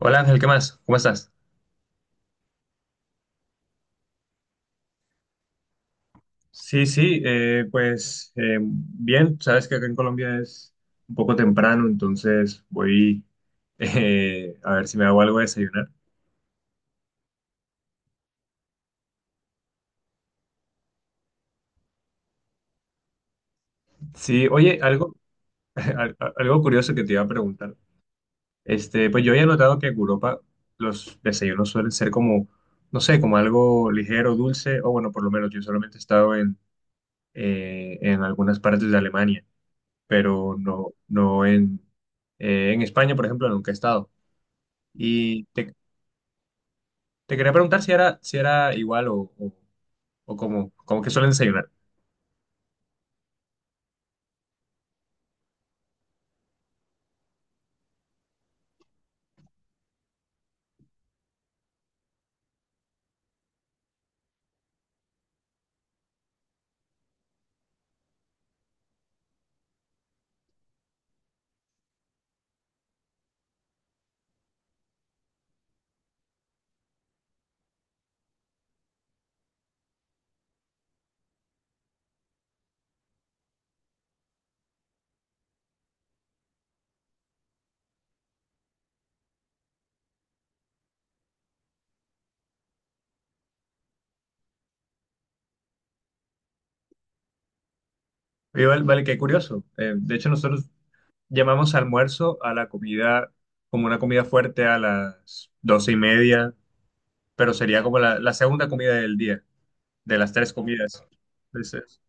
Hola Ángel, ¿qué más? ¿Cómo estás? Sí, sí, pues bien, sabes que acá en Colombia es un poco temprano, entonces voy a ver si me hago algo de desayunar. Sí, oye, algo curioso que te iba a preguntar. Este, pues yo había notado que en Europa los desayunos suelen ser como, no sé, como algo ligero, dulce, o bueno, por lo menos yo solamente he estado en, en algunas partes de Alemania, pero no, no en España, por ejemplo, nunca he estado. Y te quería preguntar si era, si era igual o como que suelen desayunar. Igual, vale, qué curioso. De hecho, nosotros llamamos almuerzo a la comida, como una comida fuerte a las 12:30, pero sería como la segunda comida del día, de las tres comidas. Entonces,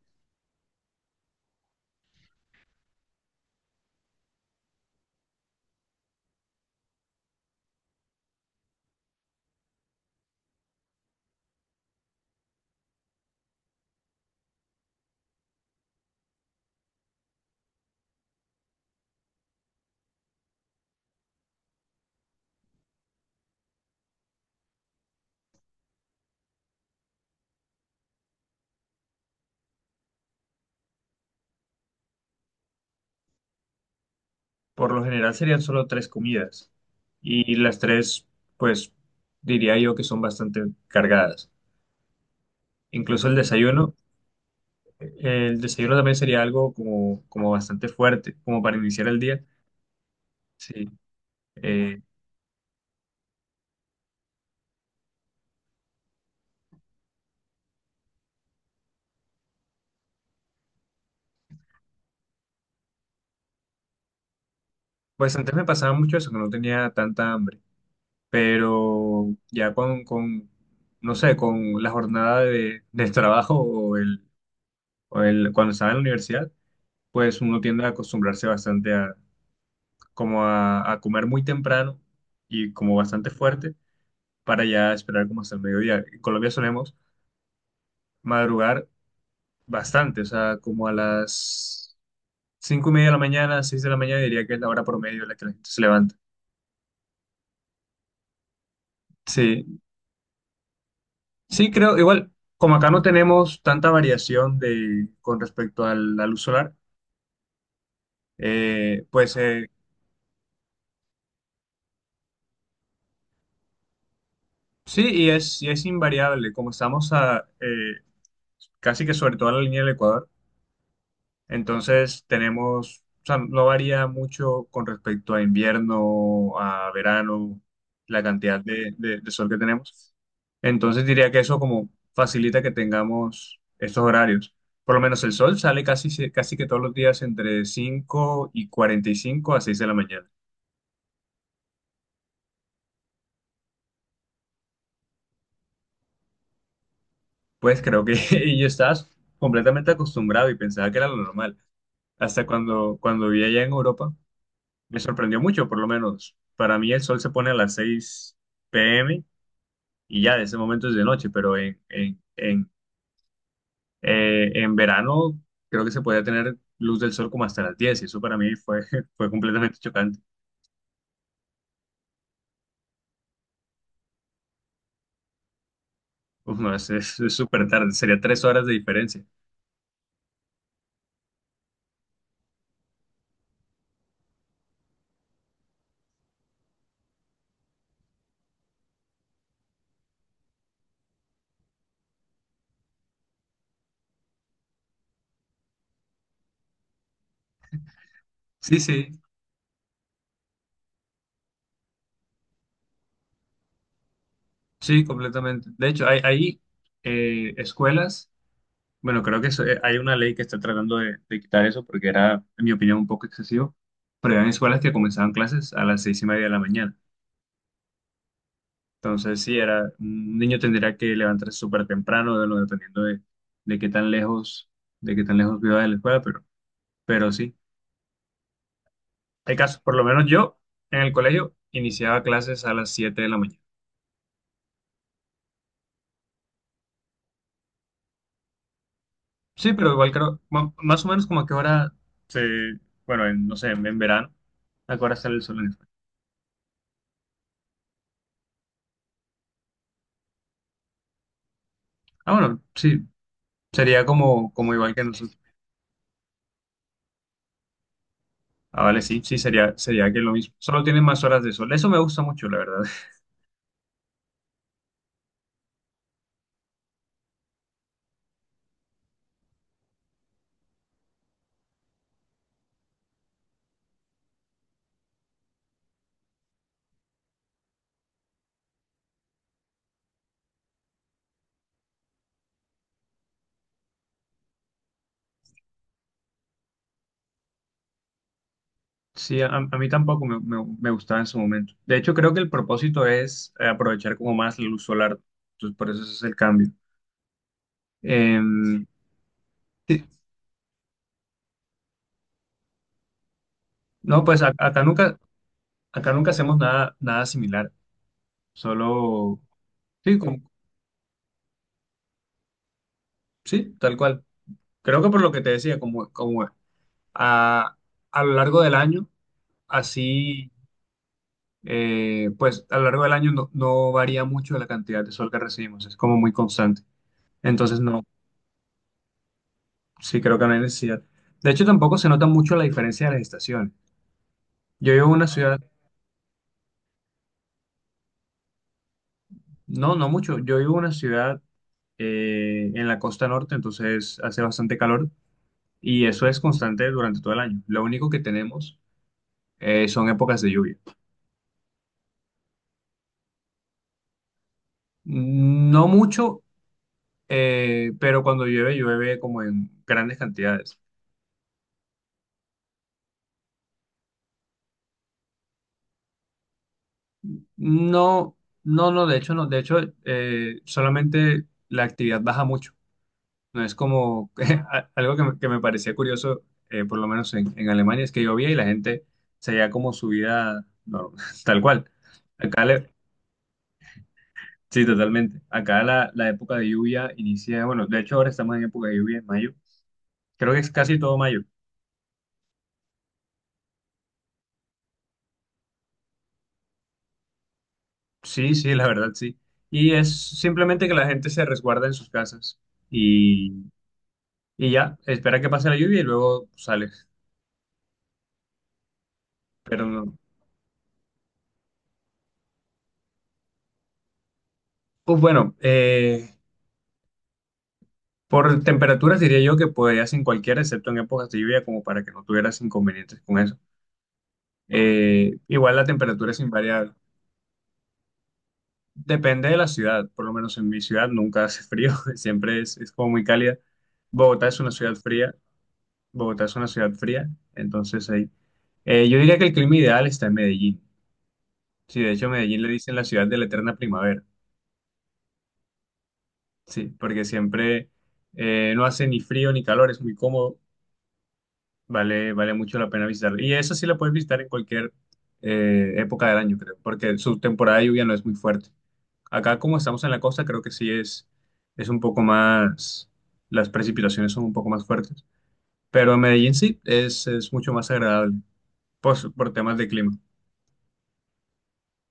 por lo general serían solo tres comidas. Y las tres, pues, diría yo que son bastante cargadas. Incluso el desayuno El desayuno también sería algo como bastante fuerte, como para iniciar el día. Sí. Eh, pues antes me pasaba mucho eso, que no tenía tanta hambre, pero ya con no sé, con la jornada del trabajo o el, cuando estaba en la universidad, pues uno tiende a acostumbrarse bastante como a comer muy temprano y como bastante fuerte para ya esperar como hasta el mediodía. En Colombia solemos madrugar bastante, o sea, como a las cinco y media de la mañana, 6 de la mañana diría que es la hora promedio en la que la gente se levanta. Sí, sí creo, igual, como acá no tenemos tanta variación de, con respecto al luz solar, pues sí, y es invariable, como estamos casi que sobre toda la línea del Ecuador. Entonces tenemos, o sea, no varía mucho con respecto a invierno, a verano, la cantidad de sol que tenemos. Entonces diría que eso como facilita que tengamos estos horarios. Por lo menos el sol sale casi que todos los días entre 5:45 a 6 de la mañana. Pues creo que y ya estás completamente acostumbrado y pensaba que era lo normal. Hasta cuando vi allá en Europa, me sorprendió mucho, por lo menos. Para mí el sol se pone a las 6 p.m. y ya de ese momento es de noche, pero en verano creo que se podía tener luz del sol como hasta las 10 y eso para mí fue completamente chocante. Uf, no, es súper tarde, sería 3 horas de diferencia. Sí, sí, sí, completamente. De hecho, hay escuelas, bueno, creo que hay una ley que está tratando de quitar eso porque era, en mi opinión, un poco excesivo, pero eran escuelas que comenzaban clases a las 6:30 de la mañana. Entonces, sí, un niño tendría que levantarse súper temprano, dependiendo de qué tan lejos, de qué tan lejos, viva de la escuela, pero sí. Hay casos, por lo menos yo en el colegio iniciaba clases a las 7 de la mañana. Sí, pero igual creo, más o menos como a qué hora se, bueno, no sé, en verano, a qué hora sale el sol en España. Ah, bueno, sí, sería como igual que nosotros. Ah, vale, sí, sí, sería que lo mismo. Solo tienen más horas de sol. Eso me gusta mucho, la verdad. Sí, a mí tampoco me gustaba en su momento. De hecho, creo que el propósito es aprovechar como más la luz solar. Entonces, por eso ese es el cambio. Em, sí. No, pues acá nunca hacemos nada, nada similar. Solo, sí, sí, tal cual. Creo que por lo que te decía, como a, a lo largo del año, así, pues a lo largo del año no varía mucho la cantidad de sol que recibimos. Es como muy constante. Entonces, no. Sí, creo que no hay necesidad. De hecho, tampoco se nota mucho la diferencia de las estaciones. Yo vivo en una ciudad, no, no mucho, yo vivo en una ciudad en la costa norte, entonces hace bastante calor y eso es constante durante todo el año. Lo único que tenemos son épocas de lluvia. No mucho, pero cuando llueve, llueve como en grandes cantidades. No, no, no, de hecho no, de hecho solamente la actividad baja mucho. No es como algo que me parecía curioso, por lo menos en Alemania, es que llovía y la gente seguía como su vida normal, tal cual. Acá le- sí, totalmente. Acá la época de lluvia inicia, bueno, de hecho ahora estamos en época de lluvia en mayo. Creo que es casi todo mayo. Sí, sí, la verdad, sí. Y es simplemente que la gente se resguarda en sus casas y, y ya, espera que pase la lluvia y luego sale. Pero no. Pues bueno, por temperaturas diría yo que podrías en cualquiera, excepto en épocas de lluvia, como para que no tuvieras inconvenientes con eso. Igual la temperatura es invariable. Depende de la ciudad, por lo menos en mi ciudad nunca hace frío, siempre es como muy cálida. Bogotá es una ciudad fría, Bogotá es una ciudad fría, entonces ahí. Yo diría que el clima ideal está en Medellín. Sí, de hecho Medellín le dicen la ciudad de la eterna primavera, sí, porque siempre no hace ni frío ni calor, es muy cómodo. Vale, vale mucho la pena visitar. Y eso sí lo puedes visitar en cualquier época del año, creo, porque su temporada de lluvia no es muy fuerte. Acá, como estamos en la costa, creo que sí es un poco más, las precipitaciones son un poco más fuertes. Pero en Medellín sí es mucho más agradable pues, por temas de clima.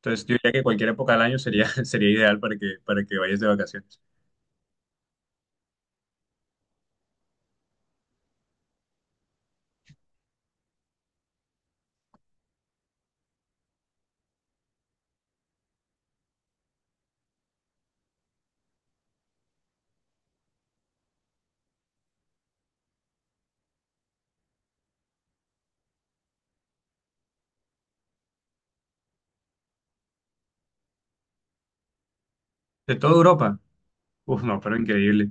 Entonces, yo diría que cualquier época del año sería ideal para que vayas de vacaciones. De toda Europa, uf, no, pero increíble.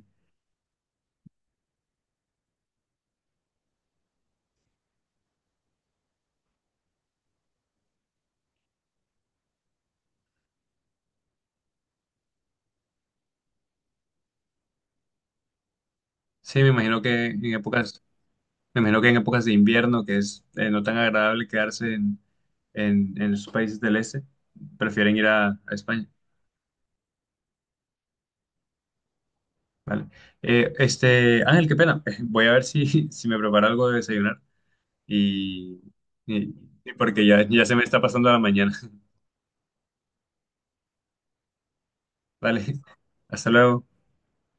Sí, Me imagino que en épocas de invierno, que es no tan agradable quedarse en esos países del este, prefieren ir a España. Vale. Este, Ángel, qué pena. Voy a ver si me preparo algo de desayunar y, y- y porque ya se me está pasando la mañana. Vale, hasta luego.